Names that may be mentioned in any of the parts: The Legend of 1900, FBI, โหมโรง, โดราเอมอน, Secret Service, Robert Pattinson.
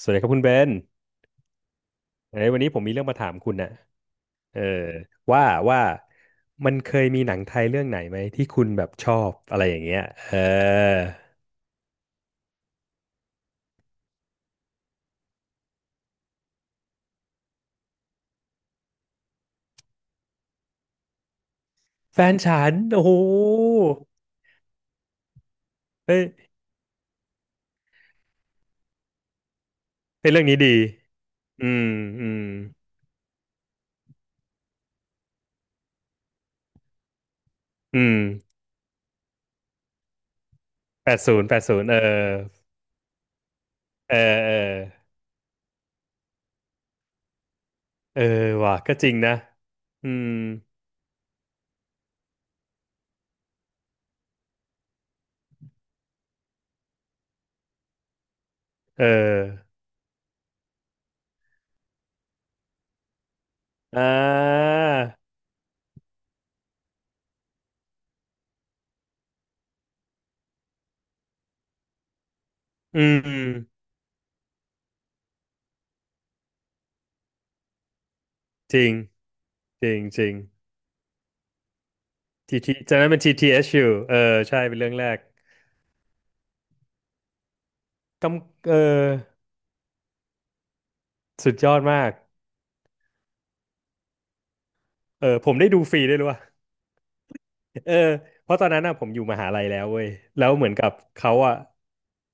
สวัสดีครับคุณเบนเอ้ยวันนี้ผมมีเรื่องมาถามคุณน่ะเออว่าว่ามันเคยมีหนังไทยเรื่องไหนไหมที่คุณแบบชอบอะไรอย่างเงี้ยเออแฟนฉัน โอ้โหเฮ้ยเฮ้ยเรื่องนี้ดีอืมอืมอืมแปดศูนย์แปดศูนย์เออเออเออเออว่ะก็จริงนะอืมเอออ่าอืมจริง จริง จริง ทีจากนั้นเป็น t t เอชยู่ เออ ใช่ เป็นเรื่องแรกกำเออสุดยอดมากเออผมได้ดูฟรีด้วยรู้ป่ะเออเพราะตอนนั้นน่ะผมอยู่มหาลัยแล้วเว้ยแล้วเหมือนกับเขาอ่ะ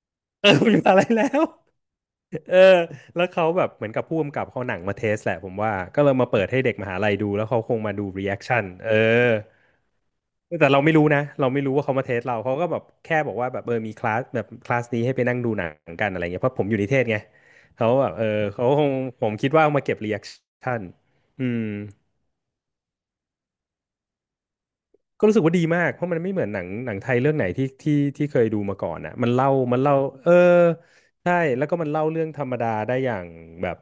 เออผมอยู่มหาลัยแล้ว เออแล้วเขาแบบเหมือนกับผู้กำกับเขาหนังมาเทสแหละผมว่าก็เลยมาเปิดให้เด็กมหาลัยดูแล้วเขาคงมาดูรีแอคชั่นเออแต่เราไม่รู้นะเราไม่รู้ว่าเขามาเทสเราเขาก็แบบแค่บอกว่าแบบเออมีคลาสแบบคลาสนี้ให้ไปนั่งดูหนังกันอะไรเงี้ยเพราะผมอยู่นิเทศไงเขาแบบเออเขาคงผมคิดว่าเอามาเก็บรีแอคชั่นอืม ก็รู้สึกว่าดีมากเพราะมันไม่เหมือนหนังไทยเรื่องไหนที่เคยดูมาก่อนอ่ะมันเล่าเออใช่แล้วก็มันเล่าเรื่องธรรมดาได้อย่างแบบ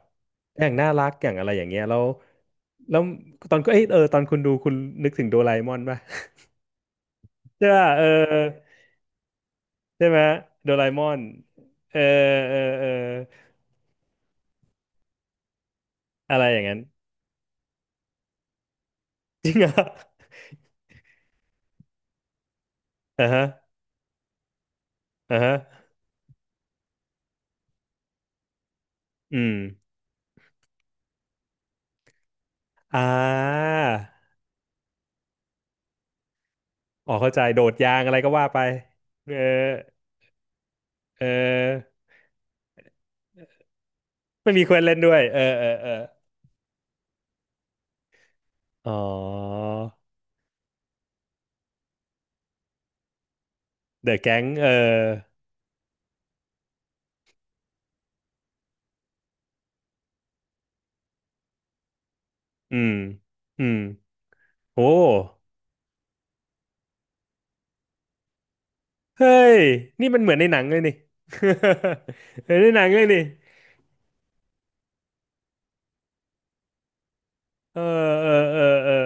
อย่างน่ารักอย่างอะไรอย่างเงี้ยแล้วแล้วตอนก็เอยเออตอนคุณดูคุณนึกถึงโดราเอมอนป่ะ ใช่ป่ะเออใช่ไหมโดราเอมอนเออเออเอออะไรอย่างนั้น จริงเหรออ่ะฮะอ่ะฮะอืมอ่าอ๋อเข้าใจโดดยางอะไรก็ว่าไปเออเออ ไม่มีเควสเล่นด้วยเออเออเอออ๋อเดอะแก๊งเอออืมอืมโอ้เฮ้ยนี่มันเหมือนในหนังเลยนี่ เหมือนในหนังเลยนี่เออเออเออเออ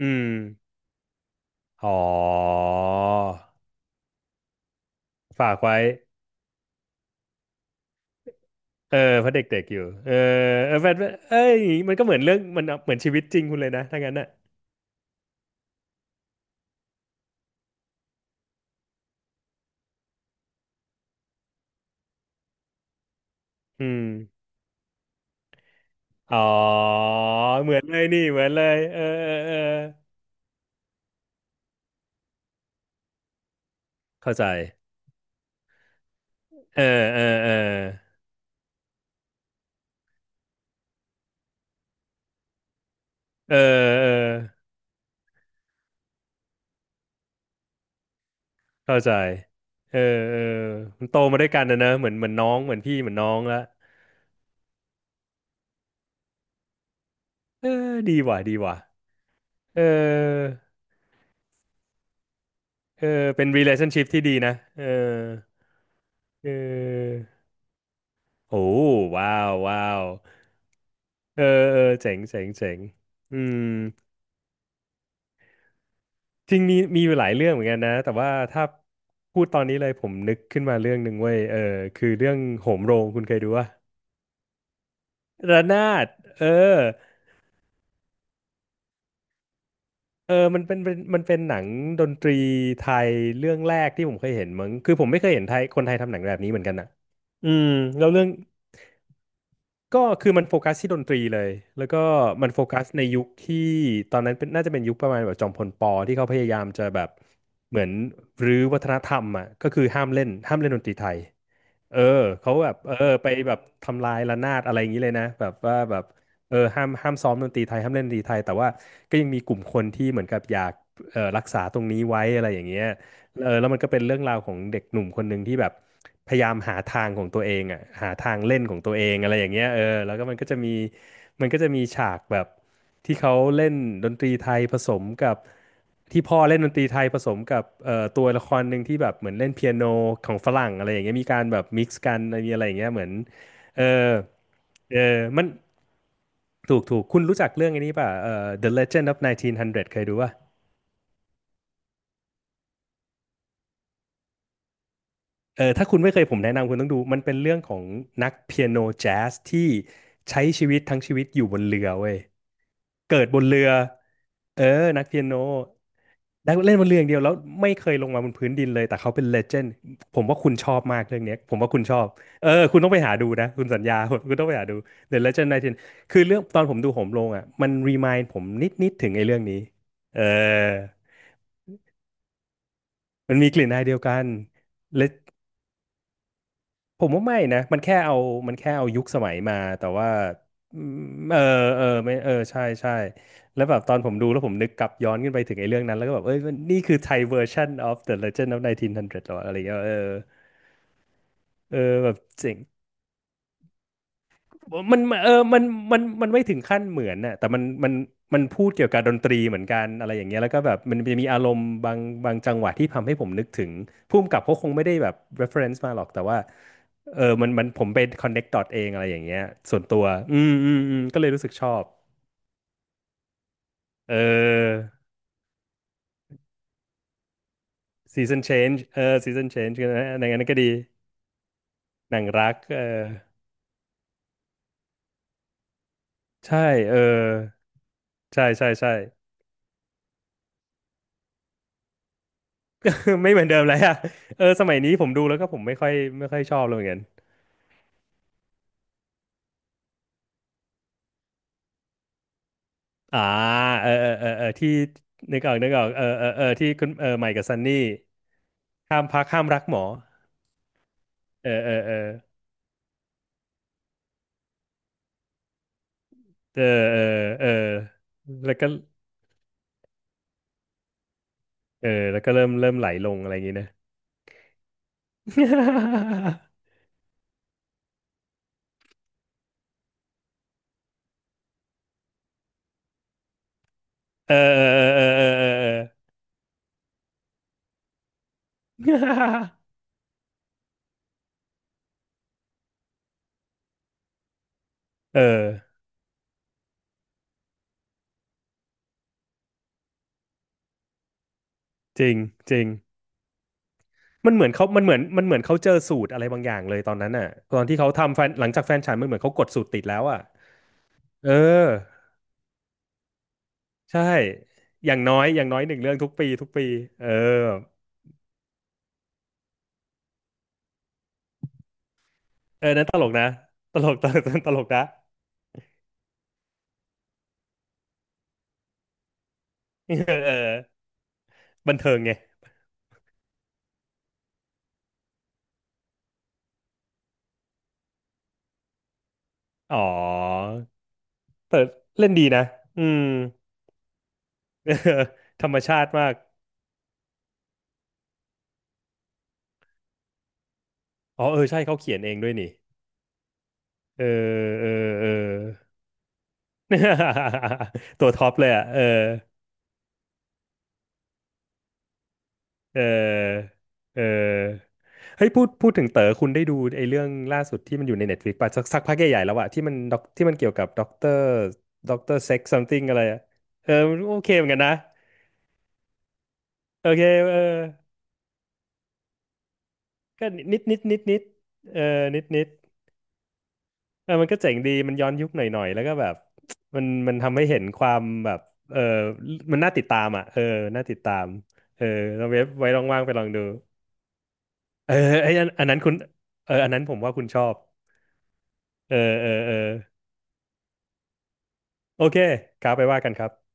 อืมอ๋อฝากไว้เออเพราะเด็กๆอยู่เออเออแฟนเอ้ยมันก็เหมือนเรื่องมันเหมือนชีวิตจริงคุณเลยนะถ้างั้นอ่ะอืมอ๋อเหมือนเลยนี่เหมือนเลยเออเออเออเข้าใจเออเออเออ เออเออเข้าใจเออเออมันโตมาด้วยกันนะเนอะเหมือนเหมือนน้องเหมือนพี่เหมือนน้องละเออดีว่ะดีว่ะเออเออเป็น relationship ที่ดีนะเออเออโอ้ว้าวว้าวเออเออเจ๋งเจ๋งเจ๋งอืมจริงมีมีอยู่หลายเรื่องเหมือนกันนะแต่ว่าถ้าพูดตอนนี้เลยผมนึกขึ้นมาเรื่องหนึ่งเว้ยเออคือเรื่องโหมโรงคุณเคยดูป่ะระนาดเออ เออมันเป็นเป็นมันเป็นหนังดนตรีไทยเรื่องแรกที่ผมเคยเห็นมั้งคือผมไม่เคยเห็นไทยคนไทยทำหนังแบบนี้เหมือนกันอะอืมแล้วเรื่องก็คือมันโฟกัสที่ดนตรีเลยแล้วก็มันโฟกัสในยุคที่ตอนนั้นเป็นน่าจะเป็นยุคประมาณแบบจอมพลปที่เขาพยายามจะแบบเหมือนรื้อวัฒนธรรมอะก็คือห้ามเล่นดนตรีไทย เออเขาแบบไปแบบทำลายระนาดอะไรอย่างนี้เลยนะแบบว่าแบบเออห้ามซ้อมดนตรีไทยห้ามเล่นดนตรีไทยแต่ว่าก็ยังมีกลุ่มคนที่เหมือนกับอยากรักษาตรงนี้ไว้อะไรอย่างเงี้ยเออแล้วมันก็เป็นเรื่องราวของเด็กหนุ่มคนหนึ่งที่แบบพยายามหาทางของตัวเองอ่ะหาทางเล่นของตัวเองอะไรอย่างเงี้ยเออแล้วก็มันก็จะมีฉากแบบที่เขาเล่นดนตรีไทยผสมกับ ที่พ่อเล่นดนตรีไทยผสมกับตัวละครหนึ่งที่แบบเหมือนเล่นเปียโนของฝรั่งอะไรอย่างเงี้ยมีการแบบมิกซ์กันมีอะไรอย่างเงี้ยเหมือนเออเออมันถูกคุณรู้จักเรื่องอันนี้ป่ะThe Legend of 1900เก้าร้อยเคยดูป่ะเออถ้าคุณไม่เคยผมแนะนำคุณต้องดูมันเป็นเรื่องของนักเปียโนแจ๊สที่ใช้ชีวิตทั้งชีวิตอยู่บนเรือเว้ย เกิดบนเรือเออนักเปียโนได้เล่นบนเรืออย่างเดียวแล้วไม่เคยลงมาบนพื้นดินเลยแต่เขาเป็นเลเจนด์ผมว่าคุณชอบมากเรื่องเนี้ยผมว่าคุณชอบเออคุณต้องไปหาดูนะคุณสัญญา คุณต้องไปหาดู The Legend 19คือเรื่องตอนผมดูโหมลงอ่ะมันรีมายด์ผมนิดถึงไอ้เรื่องนี้เออมันมีกลิ่นอายเดียวกัน ผมว่าไม่นะ มันแค่เอา มันแค่เอายุคสมัยมา แต่ว่าอืมเออเออไม่เออ ใช่ใช่แล้วแบบตอนผมดูแล้วผมนึกกลับย้อนขึ้นไปถึงไอ้เรื่องนั้น แล้วก็แบบเอ้ยมันนี่คือไทยเวอร์ชัน of the Legend of 1900หรออะไรเงี้ยเออเออแบบเจ๋ง มันเออมันมันมันไม่ถึงขั้นเหมือนน่ะแต่มันพูดเกี่ยวกับดนตรีเหมือนกันอะไรอย่างเงี้ยแล้วก็แบบมันจะมีอารมณ์บางจังหวะที่ทำให้ผมนึกถึงผู้กำกับเขาคงไม่ได้แบบ reference มาหรอกแต่ว่าเออมันผมไป connect dot เองอะไรอย่างเงี้ยส่วนตัวก็เลยรู้สึกชอบเออ season change ก็นนะในนั้นก็ดีหนังรักเออใช่เออใช่ใช่ใช่ ไม่เหมือนเดิมแล้วอะเออสมัยนี้ผมดูแล้วก็ผมไม่ค่อยชอบเลยเหมือนกัน อ่าเออเออเออเออที่นึกออกนึกออกเออเออเออที่คุณเออใหม่กับซันนี่ห้ามพักห้ามรักหมอเออเออเออเออเออเออแล้วก็เออแล้วก็เริ่มไหลลงอะไรอย่างงี้นะ เออเออเออเออเออเออเออจริงจริงมันเหมือนเขามันเหมือนมันเหมือนเขาเจอสูตรอะไรบางอย่างเลยตอนนั้นอ่ะตอนที่เขาทำแฟนหลังจากแฟนฉันมันเหมือนเขากดสูตรติดแล้วอ่ะเออใช่อย่างน้อยอย่างน้อยหนึ่งเรื่องทุกปีทุกปีเออ เออนั่นตลกนะตลก ตลกตลกนะเออเออบันเทิงไงอ๋อแต่เล่นดีนะอืม เออธรรมชาติมากอ๋อเออใช่เขาเขียนเองด้วยนี่เออเออเออ ตัวท็อปเลยอ่ะเออเออเออเฮ้ยพูดถึงเต๋อคุณได้ดูไอ้เรื่องล่าสุดที่มันอยู่ใน Netflix ป่ะสักพักใหญ่ๆแล้วอะที่มันด็อกที่มันเกี่ยวกับด็อกเตอร์เซ็กซ์ something อะไรอะเออโอเคเหมือนกันนะโอเคเออ ก็นิดนิดนิดนิดเออนิดนิดเออมันก็เจ๋งดีมันย้อนยุคหน่อยหน่อยแล้วก็แบบมันทำให้เห็นความแบบเออมันน่าติดตามอ่ะเออน่าติดตามเออเราเว็บไว้ลองว่างๆไปลองดูเออไอ้อันนั้นคุณเอออันนั้นผมว่าคุณชอบเออเออเออโอเคครับไปว่ากันครับ